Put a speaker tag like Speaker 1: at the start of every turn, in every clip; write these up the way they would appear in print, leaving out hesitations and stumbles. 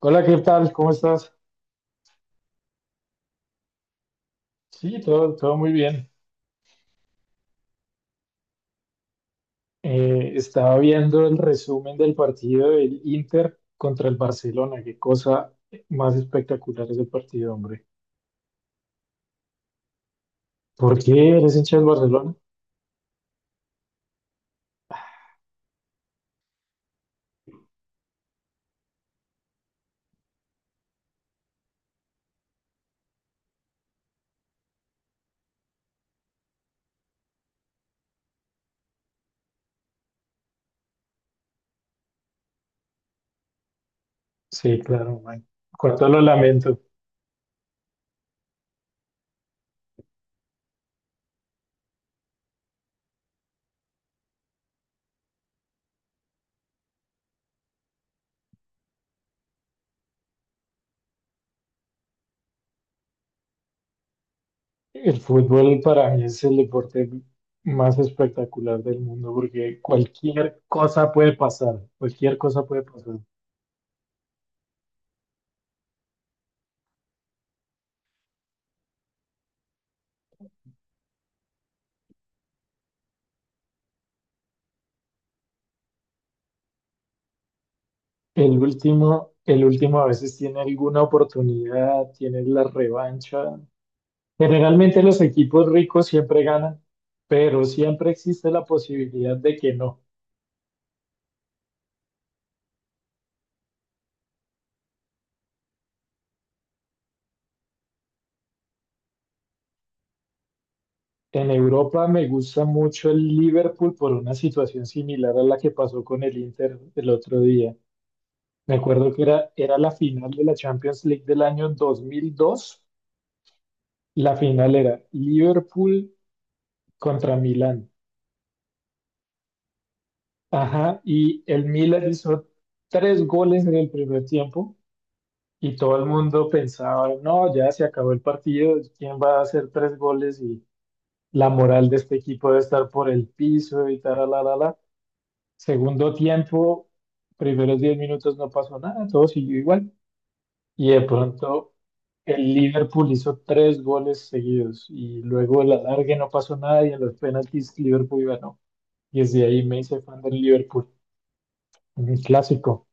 Speaker 1: Hola, ¿qué tal? ¿Cómo estás? Sí, todo muy bien. Estaba viendo el resumen del partido del Inter contra el Barcelona. Qué cosa más espectacular ese partido, hombre. ¿Por qué eres hincha del Barcelona? Sí, claro, man. Cuánto lo lamento. El fútbol para mí es el deporte más espectacular del mundo porque cualquier cosa puede pasar, cualquier cosa puede pasar. El último a veces tiene alguna oportunidad, tiene la revancha. Generalmente los equipos ricos siempre ganan, pero siempre existe la posibilidad de que no. En Europa me gusta mucho el Liverpool por una situación similar a la que pasó con el Inter el otro día. Me acuerdo que era la final de la Champions League del año 2002. La final era Liverpool contra Milán. Ajá, y el Milan hizo tres goles en el primer tiempo. Y todo el mundo pensaba, no, ya se acabó el partido, ¿quién va a hacer tres goles? Y la moral de este equipo debe estar por el piso y tal, la. Segundo tiempo, primeros 10 minutos no pasó nada, todo siguió igual. Y de pronto el Liverpool hizo tres goles seguidos y luego el alargue no pasó nada y en los penaltis Liverpool ganó. Y desde ahí me hice fan del Liverpool, un clásico.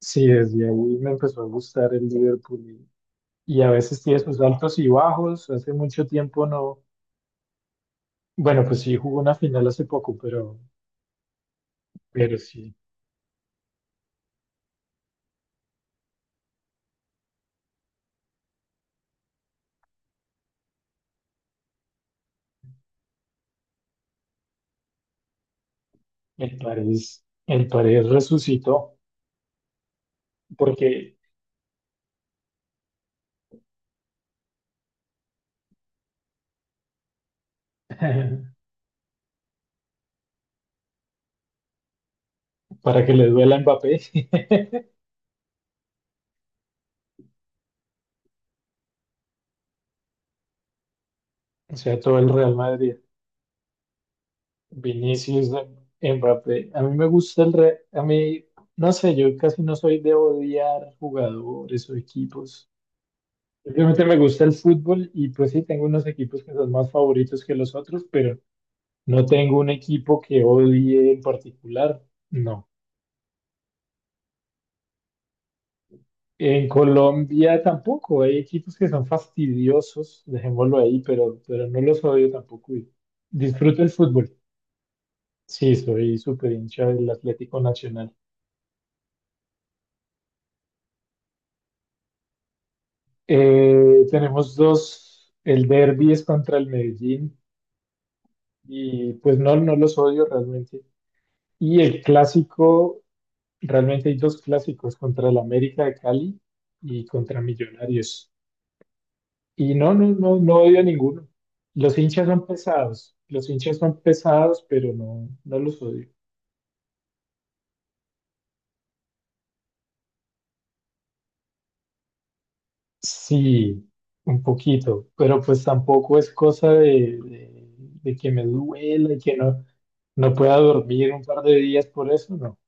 Speaker 1: Sí, desde ahí me empezó a gustar el Liverpool y a veces tiene sus altos y bajos. Hace mucho tiempo no. Bueno, pues sí, jugó una final hace poco, pero sí, el París resucitó porque, para que le duela a Mbappé. o sea, todo el Real Madrid, Vinicius, Mbappé. A mí me gusta el Real, a mí, no sé, yo casi no soy de odiar jugadores o equipos. Simplemente me gusta el fútbol y pues sí, tengo unos equipos que son más favoritos que los otros, pero no tengo un equipo que odie en particular, no. En Colombia tampoco, hay equipos que son fastidiosos, dejémoslo ahí, pero no los odio tampoco. Y disfruto el fútbol. Sí, soy súper hincha del Atlético Nacional. Tenemos dos, el derbi es contra el Medellín y pues no, no los odio realmente. Y el clásico, realmente hay dos clásicos, contra el América de Cali y contra Millonarios. Y no odio a ninguno. Los hinchas son pesados, los hinchas son pesados, pero no, no los odio. Sí, un poquito, pero pues tampoco es cosa de que me duela y que no, no pueda dormir un par de días por eso, no.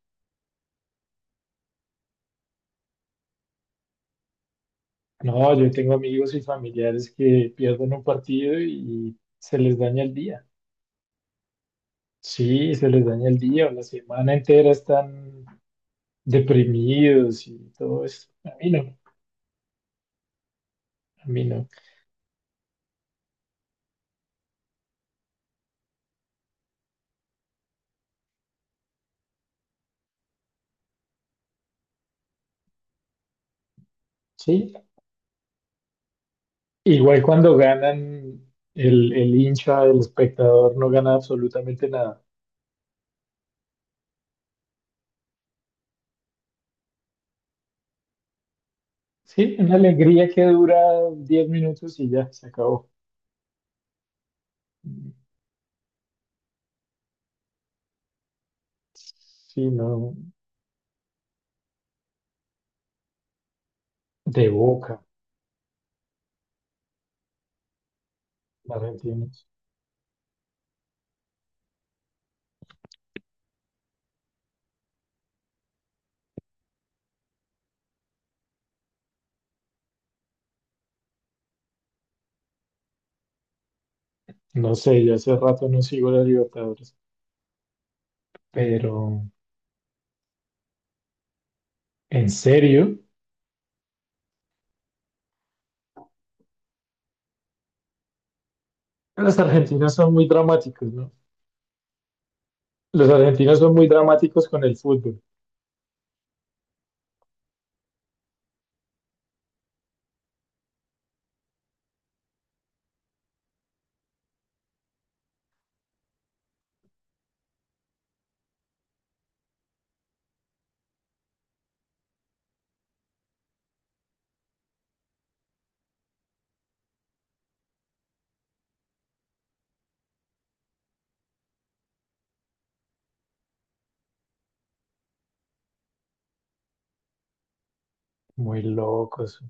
Speaker 1: No, yo tengo amigos y familiares que pierden un partido y se les daña el día. Sí, se les daña el día, o la semana entera están deprimidos y todo eso. A mí no, a mí no. Sí, igual cuando ganan, el hincha, el espectador no gana absolutamente nada. Sí, una alegría que dura 10 minutos y ya, se acabó. Sí, no, de Boca, argentinos. No sé, ya hace rato no sigo la Libertadores, pero en serio, los argentinos son muy dramáticos, ¿no? Los argentinos son muy dramáticos con el fútbol, muy locos.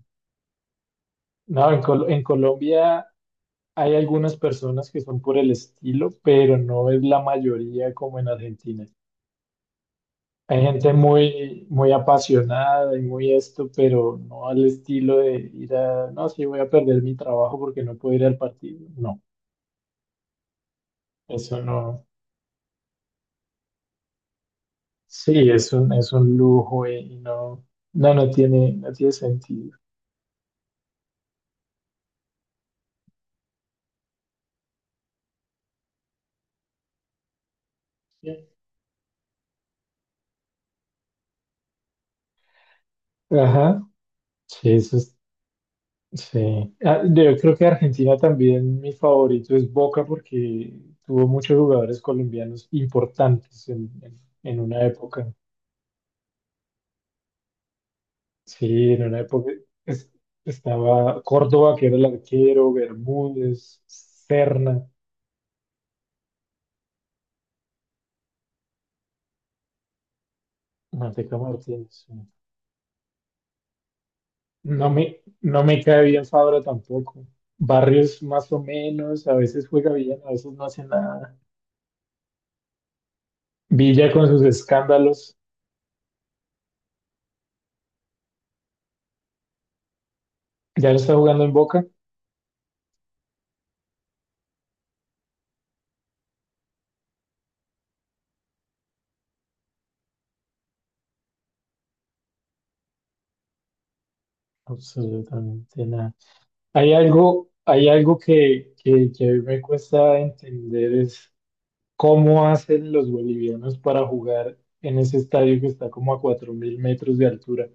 Speaker 1: No, en, en Colombia hay algunas personas que son por el estilo, pero no es la mayoría como en Argentina. Hay gente muy, muy apasionada y muy esto, pero no al estilo de ir a, no, sí, voy a perder mi trabajo porque no puedo ir al partido. No, eso no. Sí, es un lujo, y no, no, no tiene, no tiene sentido. Ajá, sí, eso. Sí, ah, yo creo que Argentina también mi favorito es Boca porque tuvo muchos jugadores colombianos importantes en, en una época. Sí, en una época es- estaba Córdoba, que era el arquero, Bermúdez, Serna, Manteca Martínez. Sí. No me, no me cae bien Fabra tampoco. Barrios más o menos, a veces juega bien, a veces no hace nada. Villa con sus escándalos, ya lo está jugando en Boca. Absolutamente nada. Hay algo que a mí me cuesta entender es cómo hacen los bolivianos para jugar en ese estadio que está como a 4.000 metros de altura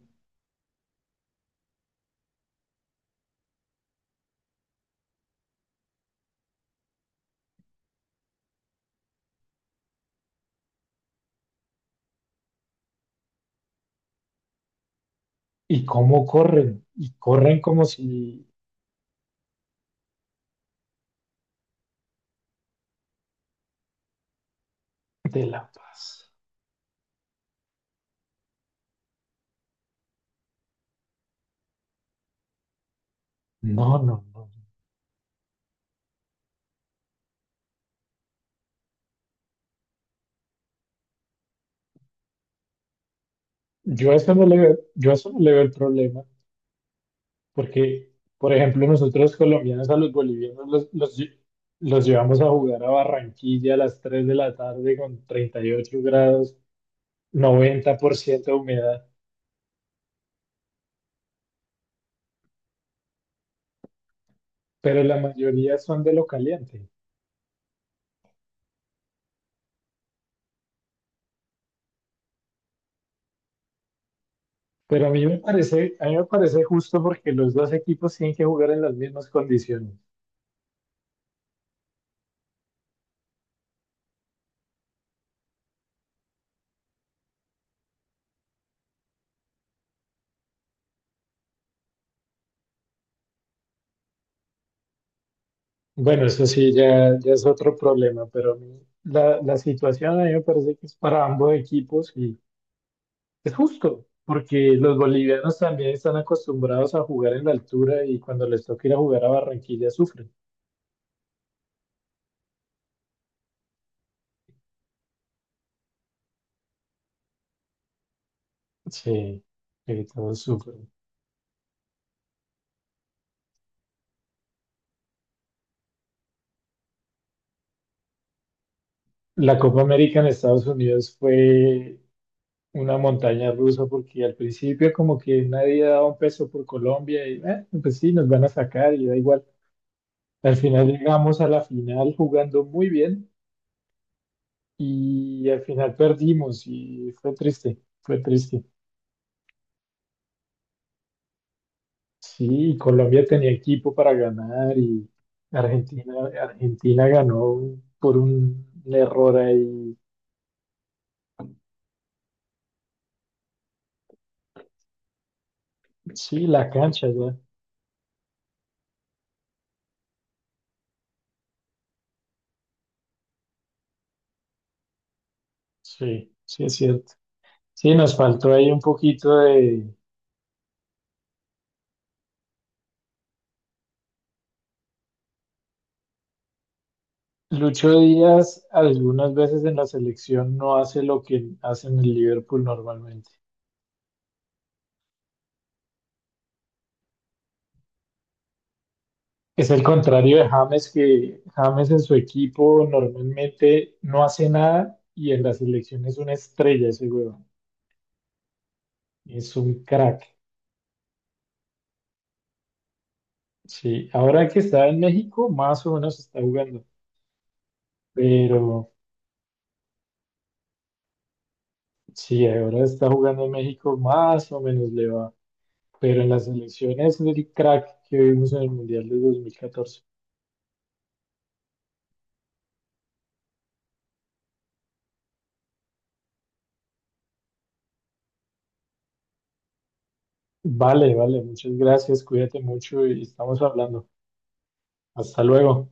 Speaker 1: y cómo corren, y corren como si de La Paz. No, no, no. Yo a eso no le veo, yo a eso no le veo el problema, porque, por ejemplo, nosotros colombianos a los bolivianos los llevamos a jugar a Barranquilla a las 3 de la tarde con 38 grados, 90% de humedad, pero la mayoría son de lo caliente. Pero a mí me parece, a mí me parece justo porque los dos equipos tienen que jugar en las mismas condiciones. Bueno, eso sí, ya es otro problema, pero a mí la situación a mí me parece que es para ambos equipos y es justo, porque los bolivianos también están acostumbrados a jugar en la altura y cuando les toca ir a jugar a Barranquilla sufren. Sí, sí, todos sufren. La Copa América en Estados Unidos fue una montaña rusa porque al principio como que nadie daba un peso por Colombia y pues sí, nos van a sacar y da igual. Al final llegamos a la final jugando muy bien y al final perdimos y fue triste, fue triste. Sí, Colombia tenía equipo para ganar y Argentina, Argentina ganó por un error ahí. Sí, la cancha ya. Sí, sí es cierto. Sí, nos faltó ahí un poquito de. Lucho Díaz algunas veces en la selección no hace lo que hace en el Liverpool normalmente. Es el contrario de James, que James en su equipo normalmente no hace nada y en la selección es una estrella ese huevón. Es un crack. Sí, ahora que está en México, más o menos está jugando. Pero sí, ahora está jugando en México, más o menos le va. Pero en la selección es el crack que vimos en el Mundial de 2014. Vale, vale, muchas gracias, cuídate mucho y estamos hablando. Hasta luego.